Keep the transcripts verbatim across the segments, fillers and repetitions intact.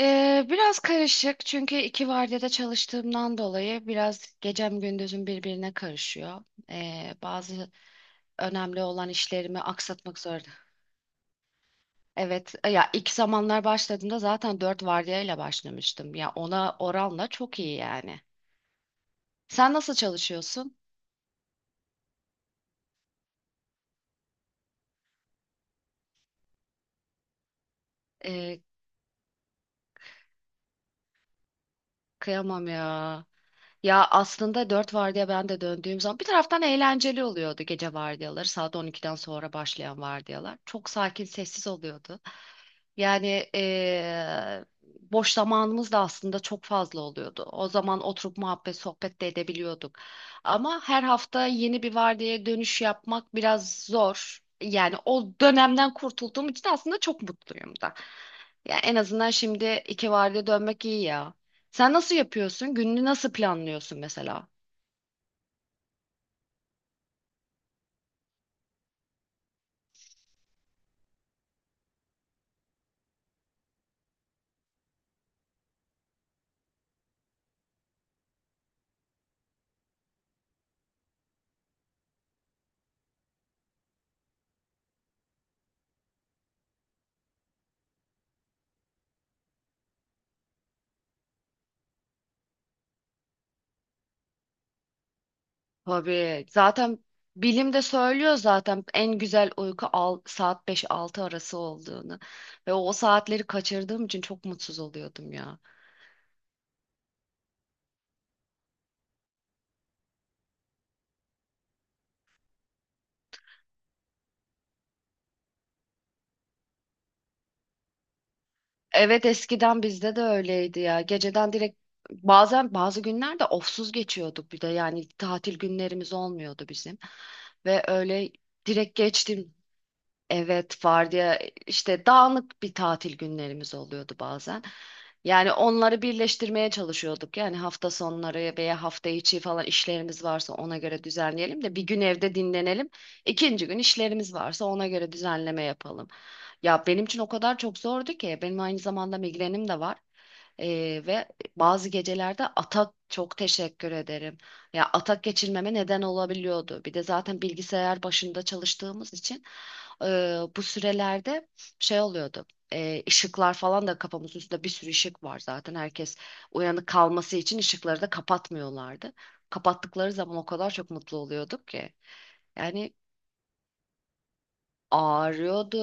Ee, biraz karışık çünkü iki vardiyada çalıştığımdan dolayı biraz gecem gündüzüm birbirine karışıyor. Ee, bazı önemli olan işlerimi aksatmak zorunda. Evet, e, ya ilk zamanlar başladığımda zaten dört vardiyayla başlamıştım. Ya ona oranla çok iyi yani. Sen nasıl çalışıyorsun? Ee, Kıyamam ya. Ya aslında dört vardiya ben de döndüğüm zaman bir taraftan eğlenceli oluyordu gece vardiyaları. Saat on iki'den sonra başlayan vardiyalar. Çok sakin, sessiz oluyordu. Yani eee, boş zamanımız da aslında çok fazla oluyordu. O zaman oturup muhabbet, sohbet de edebiliyorduk. Ama her hafta yeni bir vardiyaya dönüş yapmak biraz zor. Yani o dönemden kurtulduğum için aslında çok mutluyum da. Yani en azından şimdi iki vardiya dönmek iyi ya. Sen nasıl yapıyorsun? Gününü nasıl planlıyorsun mesela? Tabii. Zaten bilim de söylüyor zaten en güzel uyku al, saat beş-altı arası olduğunu. Ve o saatleri kaçırdığım için çok mutsuz oluyordum ya. Evet, eskiden bizde de öyleydi ya. Geceden direkt bazen bazı günlerde ofsuz geçiyorduk bir de, yani tatil günlerimiz olmuyordu bizim. Ve öyle direkt geçtim. Evet, vardiya işte dağınık bir tatil günlerimiz oluyordu bazen. Yani onları birleştirmeye çalışıyorduk. Yani hafta sonları veya hafta içi falan işlerimiz varsa ona göre düzenleyelim de bir gün evde dinlenelim. İkinci gün işlerimiz varsa ona göre düzenleme yapalım. Ya benim için o kadar çok zordu ki, benim aynı zamanda migrenim de var. Ee, ve bazı gecelerde atak çok teşekkür ederim. Ya atak geçirmeme neden olabiliyordu. Bir de zaten bilgisayar başında çalıştığımız için e, bu sürelerde şey oluyordu. E, ışıklar falan da, kafamızın üstünde bir sürü ışık var zaten. Herkes uyanık kalması için ışıkları da kapatmıyorlardı. Kapattıkları zaman o kadar çok mutlu oluyorduk ki. Yani ağrıyordu,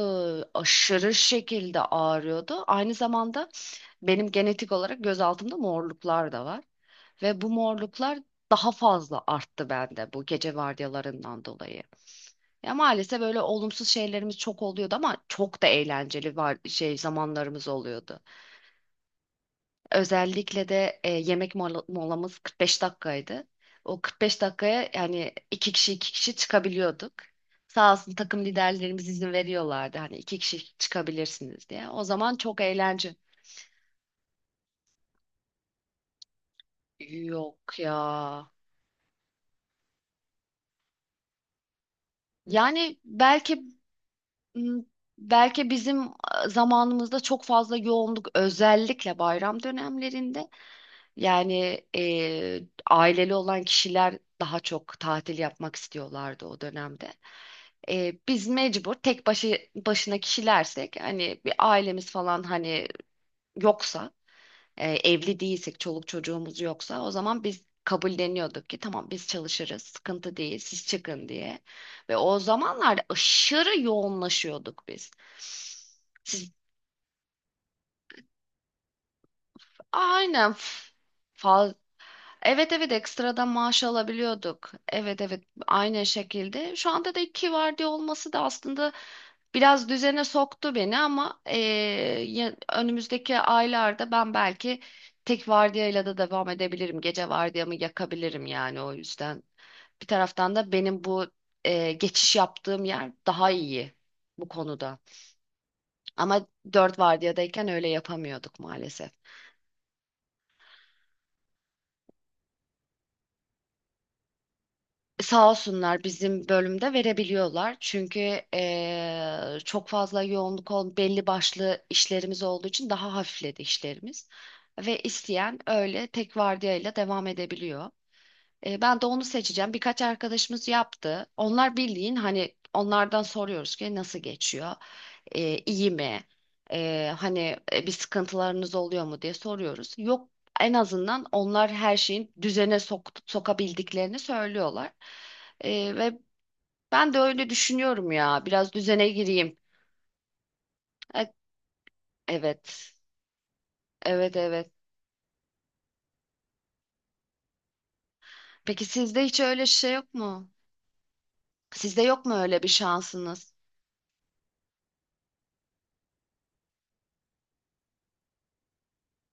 aşırı şekilde ağrıyordu. Aynı zamanda benim genetik olarak göz altımda morluklar da var. Ve bu morluklar daha fazla arttı bende, bu gece vardiyalarından dolayı. Ya maalesef böyle olumsuz şeylerimiz çok oluyordu ama çok da eğlenceli var şey zamanlarımız oluyordu. Özellikle de e, yemek mola- molamız kırk beş dakikaydı. O kırk beş dakikaya yani iki kişi iki kişi çıkabiliyorduk. Sağ olsun takım liderlerimiz izin veriyorlardı, hani iki kişi çıkabilirsiniz diye. O zaman çok eğlence. Yok ya. Yani belki, belki bizim e, zamanımızda çok fazla yoğunluk, özellikle bayram dönemlerinde, yani e, aileli olan kişiler daha çok tatil yapmak istiyorlardı o dönemde. E, biz mecbur tek başı başına kişilersek, hani bir ailemiz falan, hani yoksa, e, evli değilsek, çoluk çocuğumuz yoksa, o zaman biz kabulleniyorduk ki tamam biz çalışırız, sıkıntı değil, siz çıkın diye. Ve o zamanlarda aşırı yoğunlaşıyorduk biz. Siz aynen f- fa- evet, evet, ekstradan maaş alabiliyorduk. Evet, evet, aynı şekilde. Şu anda da iki vardiya olması da aslında biraz düzene soktu beni ama eee, ya- önümüzdeki aylarda ben belki tek vardiyayla da devam edebilirim. Gece vardiyamı yakabilirim, yani o yüzden. Bir taraftan da benim bu eee, geçiş yaptığım yer daha iyi bu konuda. Ama dört vardiyadayken öyle yapamıyorduk maalesef. Sağ olsunlar bizim bölümde verebiliyorlar. Çünkü eee, çok fazla yoğunluk ol, belli başlı işlerimiz olduğu için daha hafifledi işlerimiz. Ve isteyen öyle tek vardiyayla devam edebiliyor. E, ben de onu seçeceğim. Birkaç arkadaşımız yaptı. Onlar bildiğin hani, onlardan soruyoruz ki nasıl geçiyor? E, iyi mi? E, hani e, bir sıkıntılarınız oluyor mu diye soruyoruz. Yok, en azından onlar her şeyin düzene sok sokabildiklerini söylüyorlar. E, ve ben de öyle düşünüyorum ya. Biraz düzene gireyim. E, evet. Evet, evet. Peki sizde hiç öyle şey yok mu? Sizde yok mu öyle bir şansınız?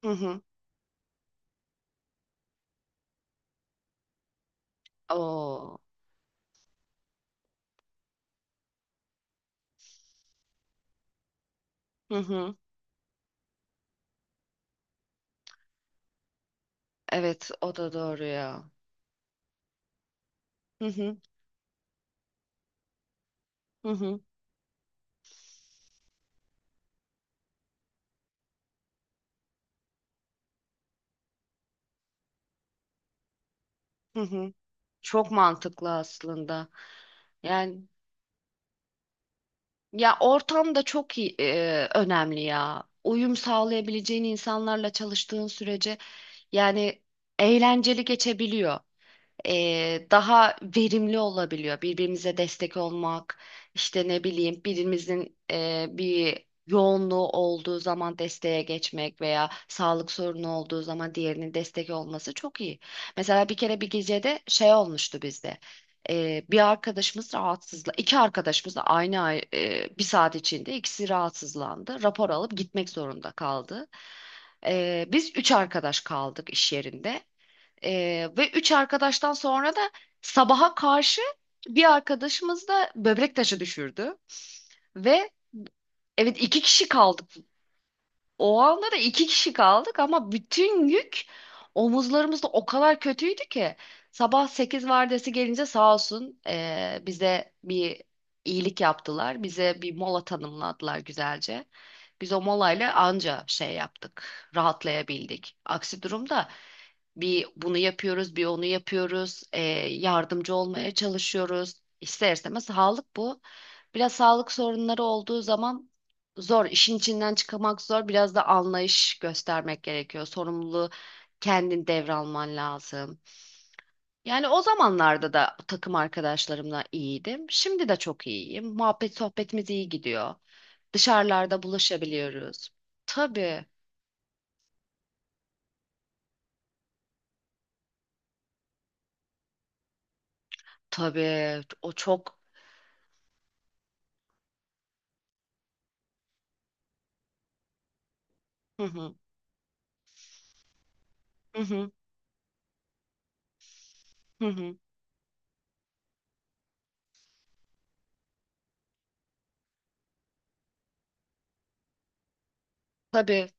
Hı hı. Oo. Hı hı. Evet, o da doğru ya. Hı hı, hı hı, hı hı. Çok mantıklı aslında. Yani ya ortam da çok iyi, e, önemli ya. Uyum sağlayabileceğin insanlarla çalıştığın sürece yani eğlenceli geçebiliyor. E, daha verimli olabiliyor. Birbirimize destek olmak, işte ne bileyim birimizin e, bir yoğunluğu olduğu zaman desteğe geçmek veya sağlık sorunu olduğu zaman diğerinin destek olması çok iyi. Mesela bir kere bir gecede şey olmuştu bizde. E, bir arkadaşımız rahatsızla, iki arkadaşımız da aynı ay- e, bir saat içinde ikisi rahatsızlandı. Rapor alıp gitmek zorunda kaldı. E, biz üç arkadaş kaldık iş yerinde. Ee, ve üç arkadaştan sonra da sabaha karşı bir arkadaşımız da böbrek taşı düşürdü. Ve evet, iki kişi kaldık, o anda da iki kişi kaldık ama bütün yük omuzlarımızda, o kadar kötüydü ki. Sabah sekiz vardiyası gelince sağ olsun eee, bize bir iyilik yaptılar. Bize bir mola tanımladılar güzelce. Biz o molayla anca şey yaptık, rahatlayabildik. Aksi durumda bir bunu yapıyoruz, bir onu yapıyoruz, eee, yardımcı olmaya çalışıyoruz. İster istemez sağlık bu. Biraz sağlık sorunları olduğu zaman zor, işin içinden çıkamak zor. Biraz da anlayış göstermek gerekiyor. Sorumluluğu kendin devralman lazım. Yani o zamanlarda da takım arkadaşlarımla iyiydim. Şimdi de çok iyiyim. Muhabbet sohbetimiz iyi gidiyor. Dışarılarda buluşabiliyoruz. Tabii, tabii. O çok. Hı hı, hı hı, hı hı. Tabii,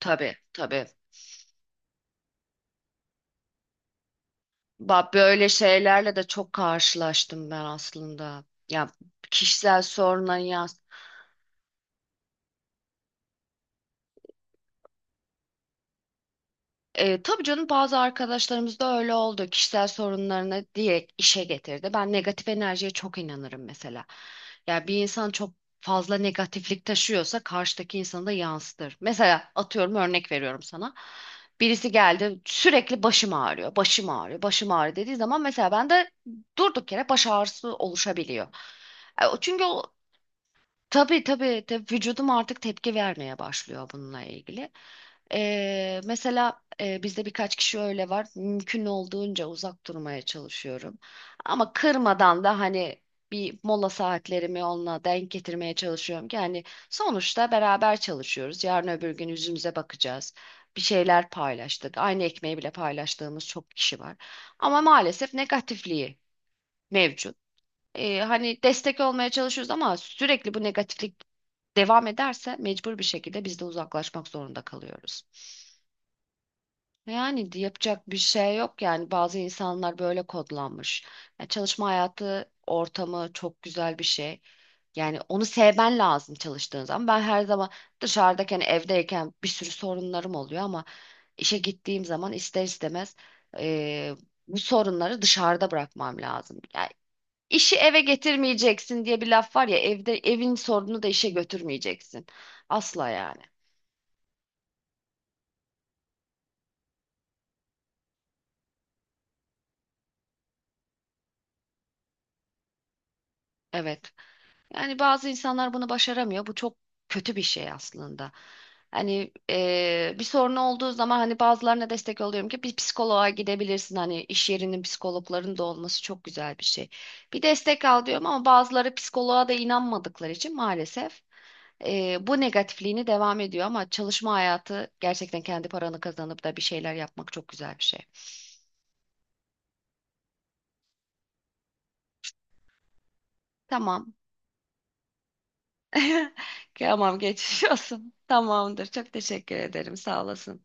tabii, tabii. Bak böyle şeylerle de çok karşılaştım ben aslında. Ya kişisel soruna ya… E, tabii canım, bazı arkadaşlarımız da öyle oldu. Kişisel sorunlarını direkt işe getirdi. Ben negatif enerjiye çok inanırım mesela. Yani bir insan çok fazla negatiflik taşıyorsa karşıdaki insanı da yansıtır. Mesela atıyorum, örnek veriyorum sana. Birisi geldi sürekli başım ağrıyor, başım ağrıyor, başım ağrıyor dediği zaman, mesela bende durduk yere baş ağrısı oluşabiliyor. E, o- Çünkü o… Tabii, tabii, tabii, vücudum artık tepki vermeye başlıyor bununla ilgili. Ee, mesela e, bizde birkaç kişi öyle var. Mümkün olduğunca uzak durmaya çalışıyorum. Ama kırmadan da, hani bir mola saatlerimi onunla denk getirmeye çalışıyorum ki hani sonuçta beraber çalışıyoruz. Yarın öbür gün yüzümüze bakacağız. Bir şeyler paylaştık. Aynı ekmeği bile paylaştığımız çok kişi var. Ama maalesef negatifliği mevcut. Ee, hani destek olmaya çalışıyoruz ama sürekli bu negatiflik devam ederse mecbur bir şekilde biz de uzaklaşmak zorunda kalıyoruz. Yani di- yapacak bir şey yok, yani bazı insanlar böyle kodlanmış. Ya çalışma hayatı ortamı çok güzel bir şey. Yani onu sevmen lazım çalıştığın zaman. Ben her zaman dışarıdayken, evdeyken bir sürü sorunlarım oluyor ama işe gittiğim zaman ister istemez eee, bu sorunları dışarıda bırakmam lazım. İşi eve getirmeyeceksin diye bir laf var ya, evde evin sorununu da işe götürmeyeceksin. Asla yani. Evet. Yani bazı insanlar bunu başaramıyor. Bu çok kötü bir şey aslında. Hani eee, bir sorun olduğu zaman, hani bazılarına destek oluyorum ki bir psikoloğa gidebilirsin. Hani iş yerinin psikologların da olması çok güzel bir şey. Bir destek al diyorum ama bazıları psikoloğa da inanmadıkları için maalesef… Ee, bu negatifliğini devam ediyor ama çalışma hayatı gerçekten kendi paranı kazanıp da bir şeyler yapmak çok güzel bir şey. Tamam. Tamam, geçiş olsun. Tamamdır. Çok teşekkür ederim. Sağ olasın.